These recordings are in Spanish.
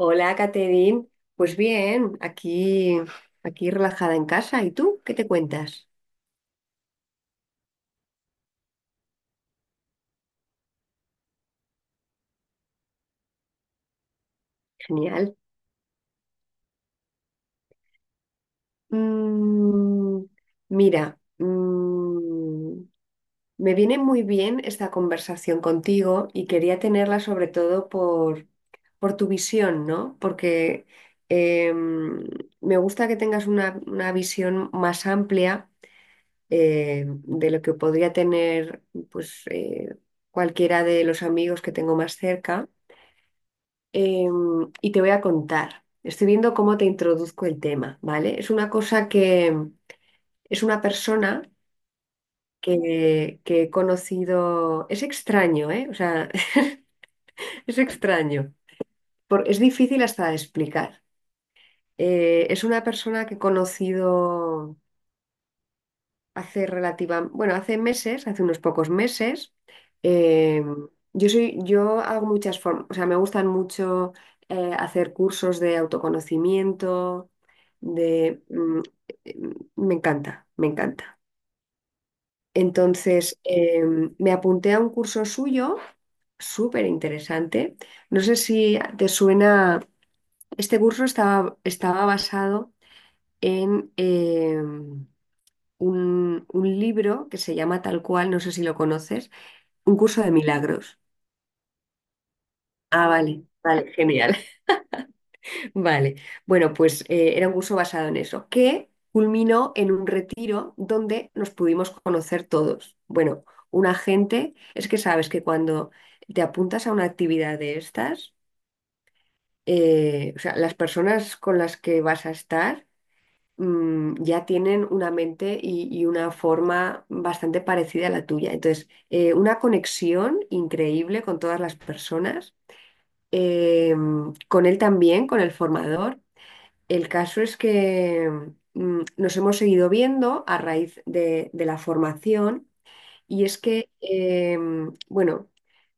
Hola, Caterín. Pues bien, aquí relajada en casa. ¿Y tú qué te cuentas? Genial. Mm, Mira, me viene muy bien esta conversación contigo y quería tenerla sobre todo por tu visión, ¿no? Porque em, me gusta que tengas una visión más amplia, de lo que podría tener, pues, cualquiera de los amigos que tengo más cerca. Y te voy a contar. Estoy viendo cómo te introduzco el tema, ¿vale? Es una persona que he conocido. Es extraño, ¿eh? O sea, es extraño. Es difícil hasta de explicar. Es una persona que he conocido bueno, hace meses, hace unos pocos meses, eh, yo hago muchas formas, o sea, me gustan mucho, hacer cursos de autoconocimiento, de, mm, eh, me encanta, me encanta. Entonces, me apunté a un curso suyo, súper interesante. No sé si te suena, este curso estaba basado en un libro que se llama tal cual, no sé si lo conoces, Un curso de milagros. Ah, vale, vale, genial. Vale. Bueno, pues era un curso basado en eso, que culminó en un retiro donde nos pudimos conocer todos. Bueno, una gente, es que sabes que cuando te apuntas a una actividad de estas, o sea, las personas con las que vas a estar ya tienen una mente y una forma bastante parecida a la tuya. Entonces, una conexión increíble con todas las personas, eh, con él también, con el formador. El caso es que nos hemos seguido viendo a raíz de la formación. Y es que, bueno,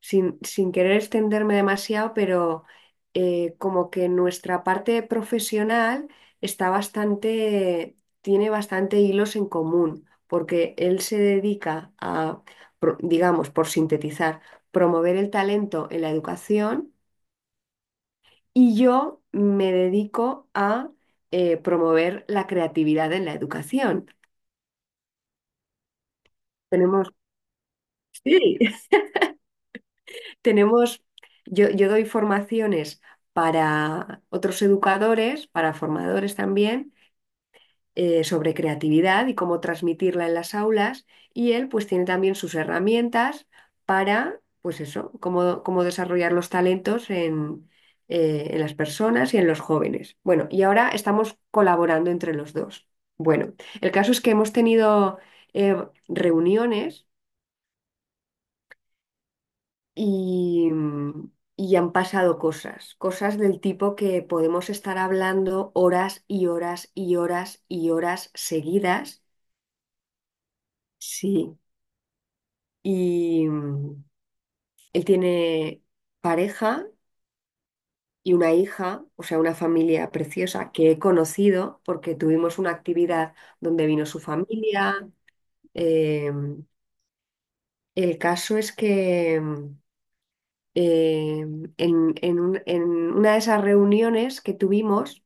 sin querer extenderme demasiado, pero como que nuestra parte profesional está bastante, tiene bastante hilos en común, porque él se dedica a, digamos, por sintetizar, promover el talento en la educación, y yo me dedico a, promover la creatividad en la educación. Tenemos, sí. Tenemos, yo doy formaciones para otros educadores, para formadores también, sobre creatividad y cómo transmitirla en las aulas, y él pues tiene también sus herramientas para, pues eso, cómo desarrollar los talentos en las personas y en los jóvenes. Bueno, y ahora estamos colaborando entre los dos. Bueno, el caso es que hemos tenido, eh, reuniones, y, y han pasado cosas, cosas del tipo que podemos estar hablando horas y horas y horas y horas seguidas. Sí. Y él tiene pareja y una hija, o sea, una familia preciosa que he conocido porque tuvimos una actividad donde vino su familia. Eh, el caso es que eh, en una de esas reuniones que tuvimos,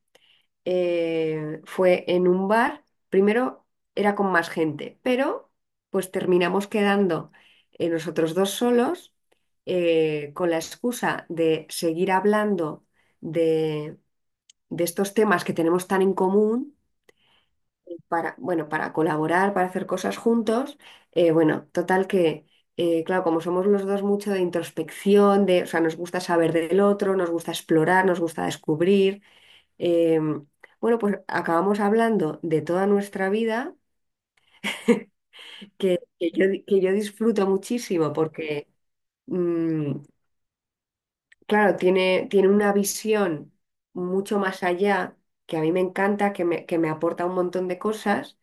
fue en un bar. Primero era con más gente, pero pues terminamos quedando, nosotros dos solos, con la excusa de seguir hablando de, de estos temas que tenemos tan en común, para, bueno, para colaborar, para hacer cosas juntos. Bueno, total que, claro, como somos los dos mucho de introspección, o sea, nos gusta saber del otro, nos gusta explorar, nos gusta descubrir. Em, bueno, pues acabamos hablando de toda nuestra vida, que yo disfruto muchísimo porque, mm, claro, tiene una visión mucho más allá, que a mí me encanta, que me aporta un montón de cosas.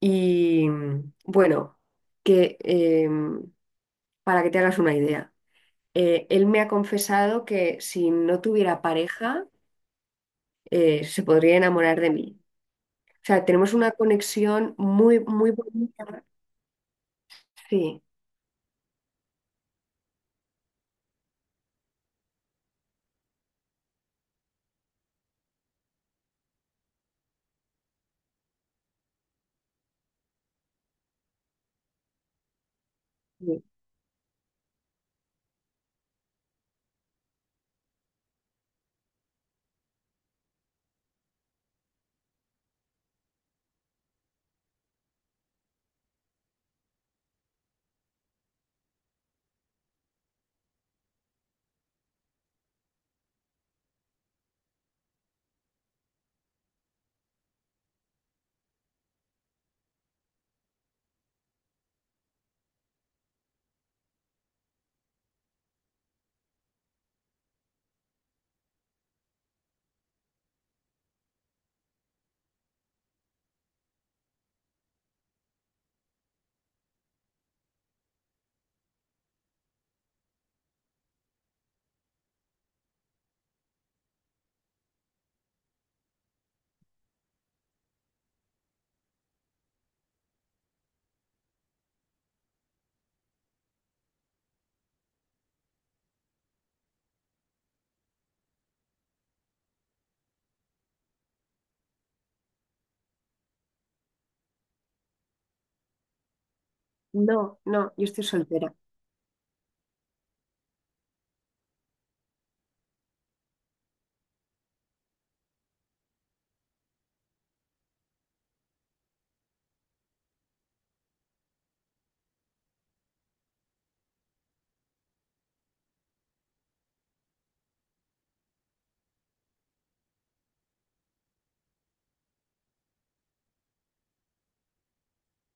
Y bueno, que em, para que te hagas una idea, él me ha confesado que si no tuviera pareja, se podría enamorar de mí. O sea, tenemos una conexión muy, muy bonita. Sí, sí. No, no, yo estoy soltera.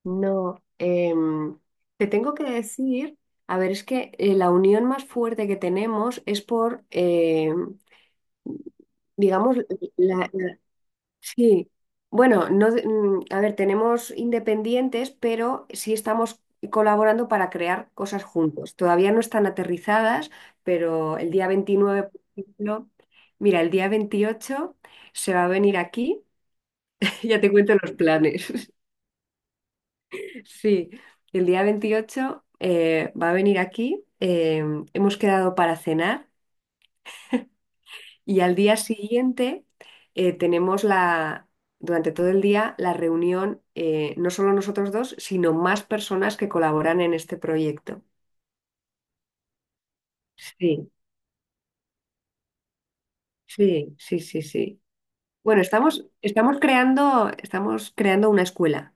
No, te tengo que decir, a ver, es que, la unión más fuerte que tenemos es por, digamos, la, la- sí, bueno, no, a ver, tenemos independientes, pero sí estamos colaborando para crear cosas juntos. Todavía no están aterrizadas, pero el día 29, por ejemplo, mira, el día 28 se va a venir aquí. Ya te cuento los planes. Sí, el día 28, va a venir aquí, hemos quedado para cenar, y al día siguiente, tenemos durante todo el día la reunión, no solo nosotros dos, sino más personas que colaboran en este proyecto. Sí, sí, sí, sí, sí. Bueno, estamos creando una escuela.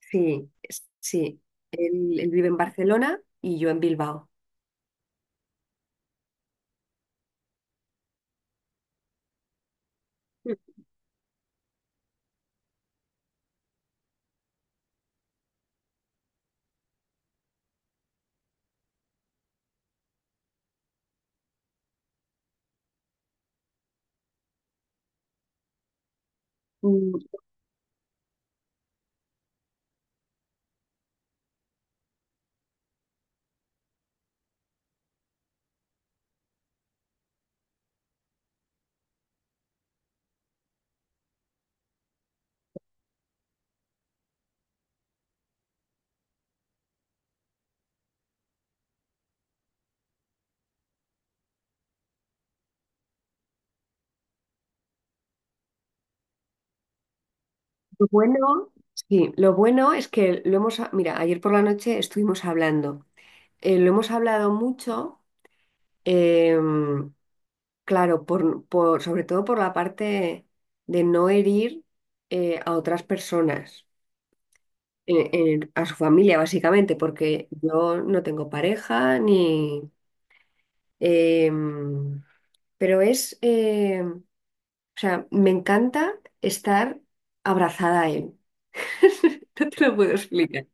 Sí, sí. Él vive en Barcelona y yo en Bilbao. Mm. Lo bueno, sí, lo bueno es que lo hemos, mira, ayer por la noche estuvimos hablando. Lo hemos hablado mucho, em, claro, sobre todo por la parte de no herir, a otras personas, a su familia básicamente, porque yo no tengo pareja ni. em, pero o sea, me encanta estar abrazada a él. No te lo puedo explicar.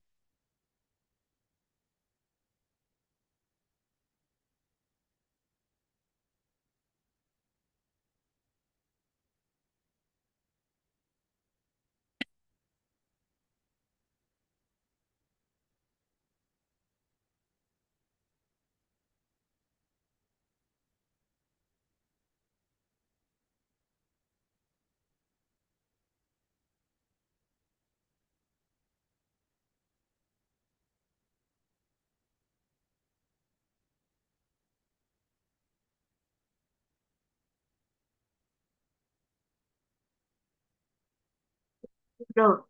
No.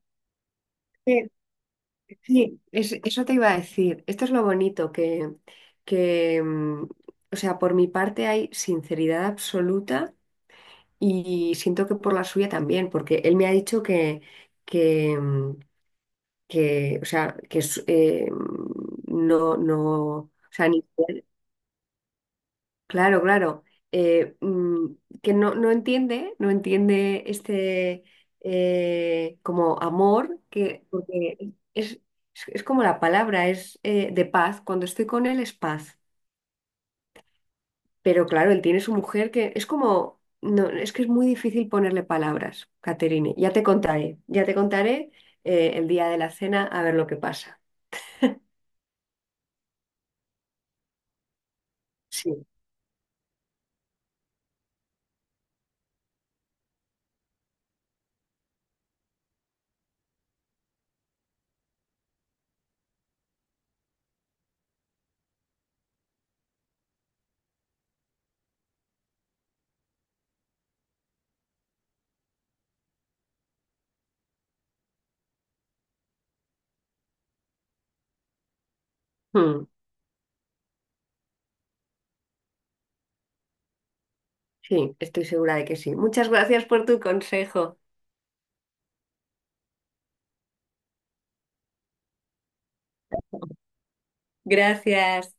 Sí, eso te iba a decir. Esto es lo bonito, que o sea, por mi parte hay sinceridad absoluta y siento que por la suya también, porque él me ha dicho que, mm, que o sea, que es, no, no, o sea, ni idea. Claro, claro. Eh, mm, que no, no entiende, no entiende este, como amor, que, porque es, es como la palabra, es de paz. Cuando estoy con él es paz. Pero claro, él tiene su mujer que es como, no, es que es muy difícil ponerle palabras, Caterine. Ya te contaré, ya te contaré, el día de la cena, a ver lo que pasa. Sí, mm, sí, estoy segura de que sí. Muchas gracias por tu consejo. Gracias.